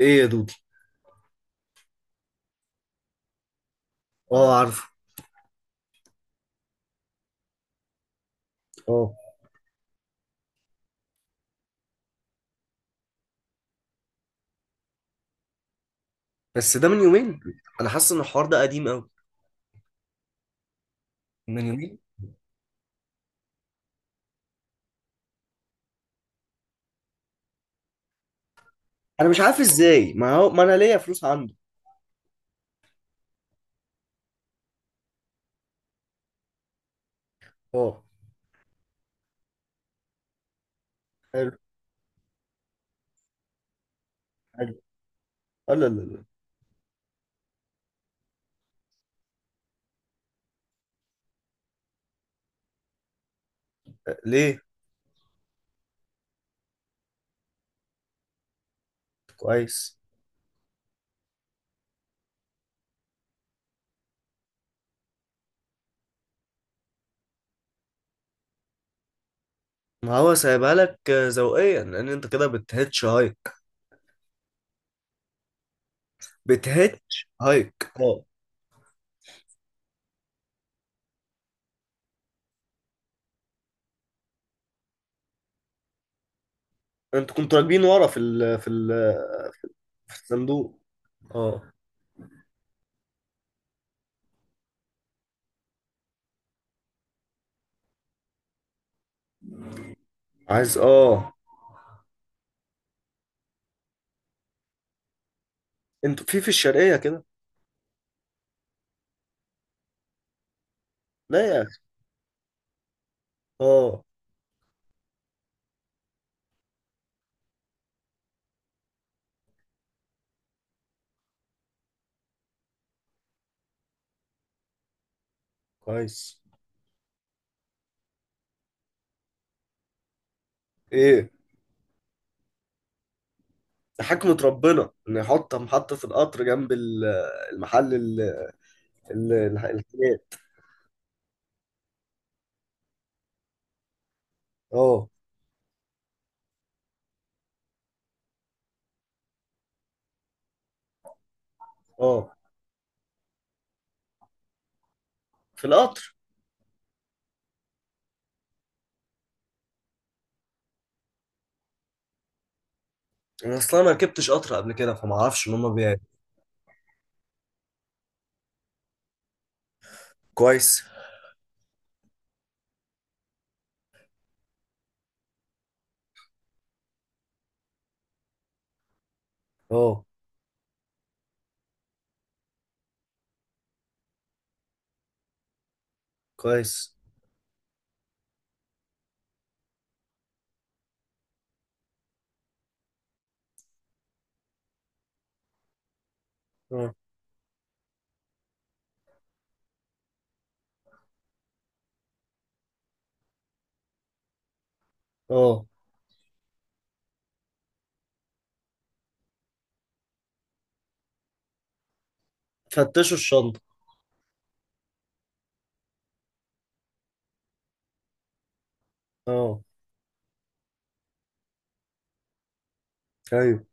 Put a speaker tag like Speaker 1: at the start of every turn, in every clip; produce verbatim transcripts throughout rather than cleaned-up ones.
Speaker 1: ايه يا دودي؟ اه، عارفه. اه، بس ده من يومين. انا حاسس ان الحوار ده قديم قوي. من يومين. انا مش عارف ازاي، ما هو ما انا ليا فلوس عنده. اه. حلو حلو. لا لا لا. لا. ليه؟ كويس. ما هو سايبها لك، آه، ذوقيا، لان انت كده بتهتش هايك. بتهتش هايك. اه. انتوا كنتوا راكبين ورا في ال في ال، في الصندوق. اه. عايز. اه. انتوا في في الشرقية كده؟ لا يا اخي. اه. كويس. ايه. ده حكمة ربنا إنه يحط محطة القطر جنب ال- المحل ال- ال- الح- الحاجات. اه. اه. في القطر. أنا أصلا ما ركبتش قطر قبل كده فما أعرفش إن هما بيعملوا. كويس. اه. كويس. اه. اه. فتشوا الشنطة. اه. ايوه.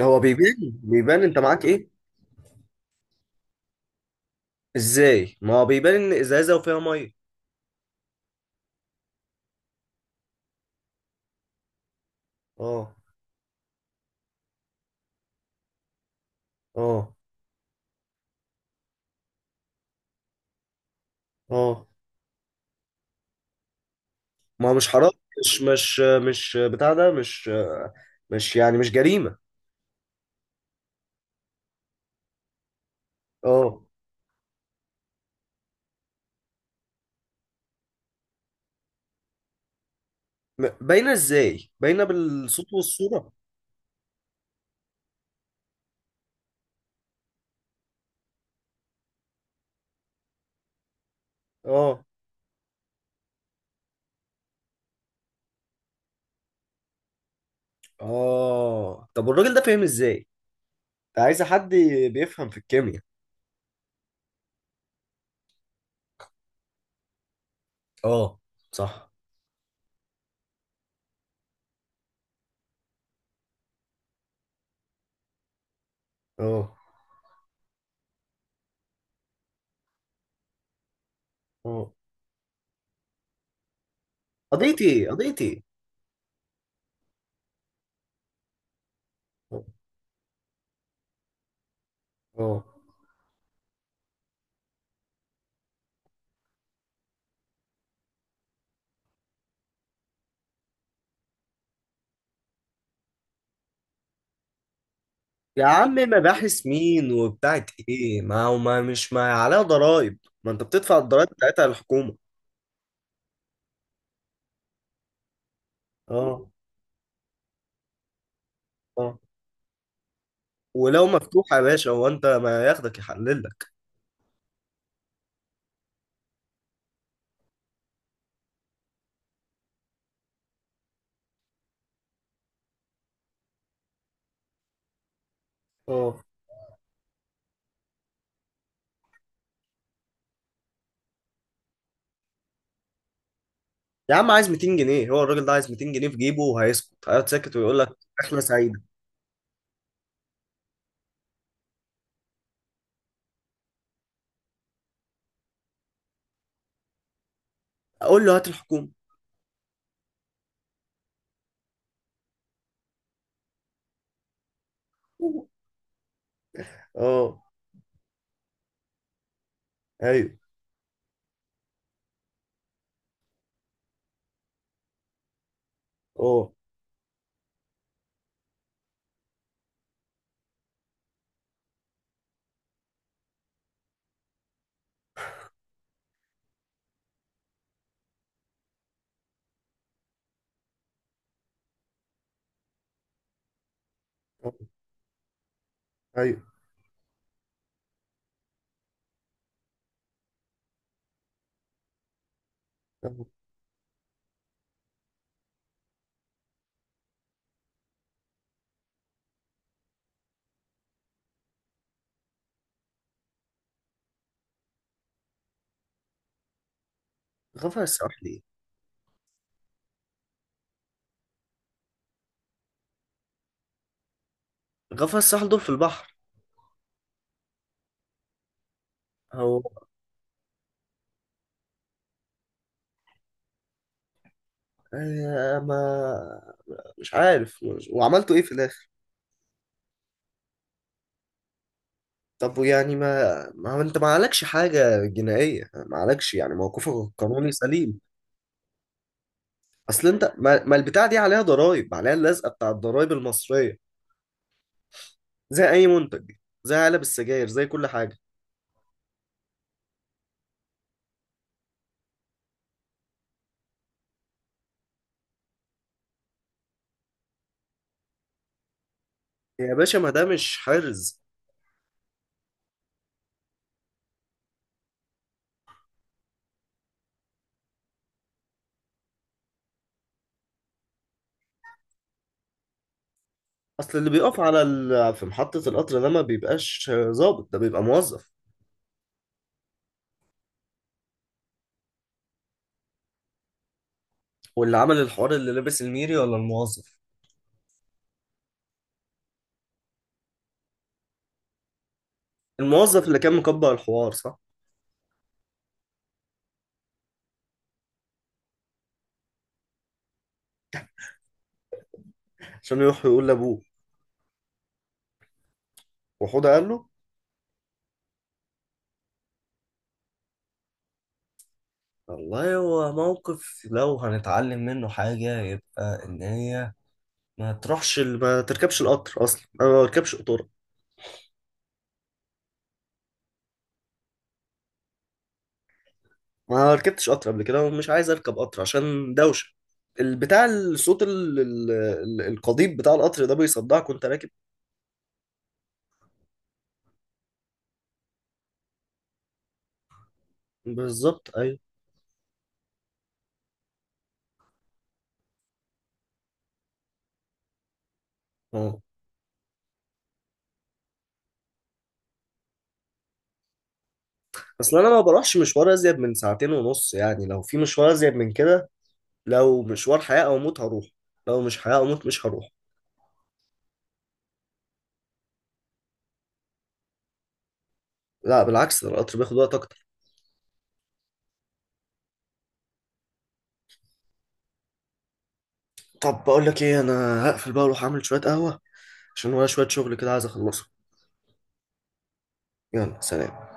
Speaker 1: هو بيبان بيبان. أنت معاك إيه؟ إزاي؟ ما هو بيبان إن إزازة وفيها مية. اه. اه. اه. ما هو مش حرام. مش مش مش بتاع ده، مش مش يعني مش جريمة. اه. م- باينه ازاي؟ باينه بالصوت والصوره. اه. اه. طب والراجل ده فاهم ازاي؟ انت عايز حد بيفهم في الكيمياء. اه. صح. اه. اه. قضيتي ايه؟ قضيتي ايه؟ اه. آه. يا عم، مباحث مين وبتاعت ايه؟ ما هو، ما مش ما عليها ضرائب. ما انت بتدفع الضرائب بتاعتها للحكومه. اه. اه. ولو مفتوحه يا باشا، هو انت ما ياخدك يحلل لك؟ اه. يا عم، عايز مئتين جنيه. هو الراجل ده عايز مئتين جنيه في جيبه وهيسكت؟ هيقعد ساكت ويقول لك احنا سعيد؟ اقول له هات الحكومه. اه. ايوه. اه. آه. ايوه. آه. غفر الساحل ايه؟ غفر الساحل دول في البحر. هو. آه، ما مش عارف. وعملتوا ايه في الاخر؟ طب يعني، ما ما هو انت ما عليكش حاجه جنائيه. ما عليكش، يعني موقفك القانوني سليم. اصل انت ما, ما البتاع دي عليها ضرائب، عليها اللزقه بتاع الضرائب المصريه. زي اي منتج. زي علب السجاير، زي كل حاجه. يا باشا ما ده مش حرز. اصل اللي بيقف على ال... في محطة القطر ده ما بيبقاش ظابط، ده بيبقى موظف. واللي عمل الحوار اللي لابس الميري ولا الموظف؟ الموظف اللي كان مكبر الحوار، صح. عشان يروح يقول لابوه. وحوده قال له. والله هو موقف. لو هنتعلم منه حاجة يبقى إن هي ما تروحش ال- ما تركبش القطر أصلا. أنا ما بركبش قطورة. ما ركبتش قطر قبل كده ومش عايز أركب قطر عشان دوشة. البتاع، الصوت ال... ال... ال- القضيب بتاع القطر ده بيصدعك وأنت راكب. بالظبط. أيوه. اصل انا ما بروحش مشوار ازيد من ساعتين ونص. يعني لو في مشوار ازيد من كده، لو مشوار حياة او موت هروح. لو مش حياة او موت مش هروح. لا، بالعكس، ده القطر بياخد وقت اكتر. طب بقول لك ايه، انا هقفل بقى واروح اعمل شوية قهوة عشان ورايا شوية شغل كده عايز اخلصه. يلا سلام.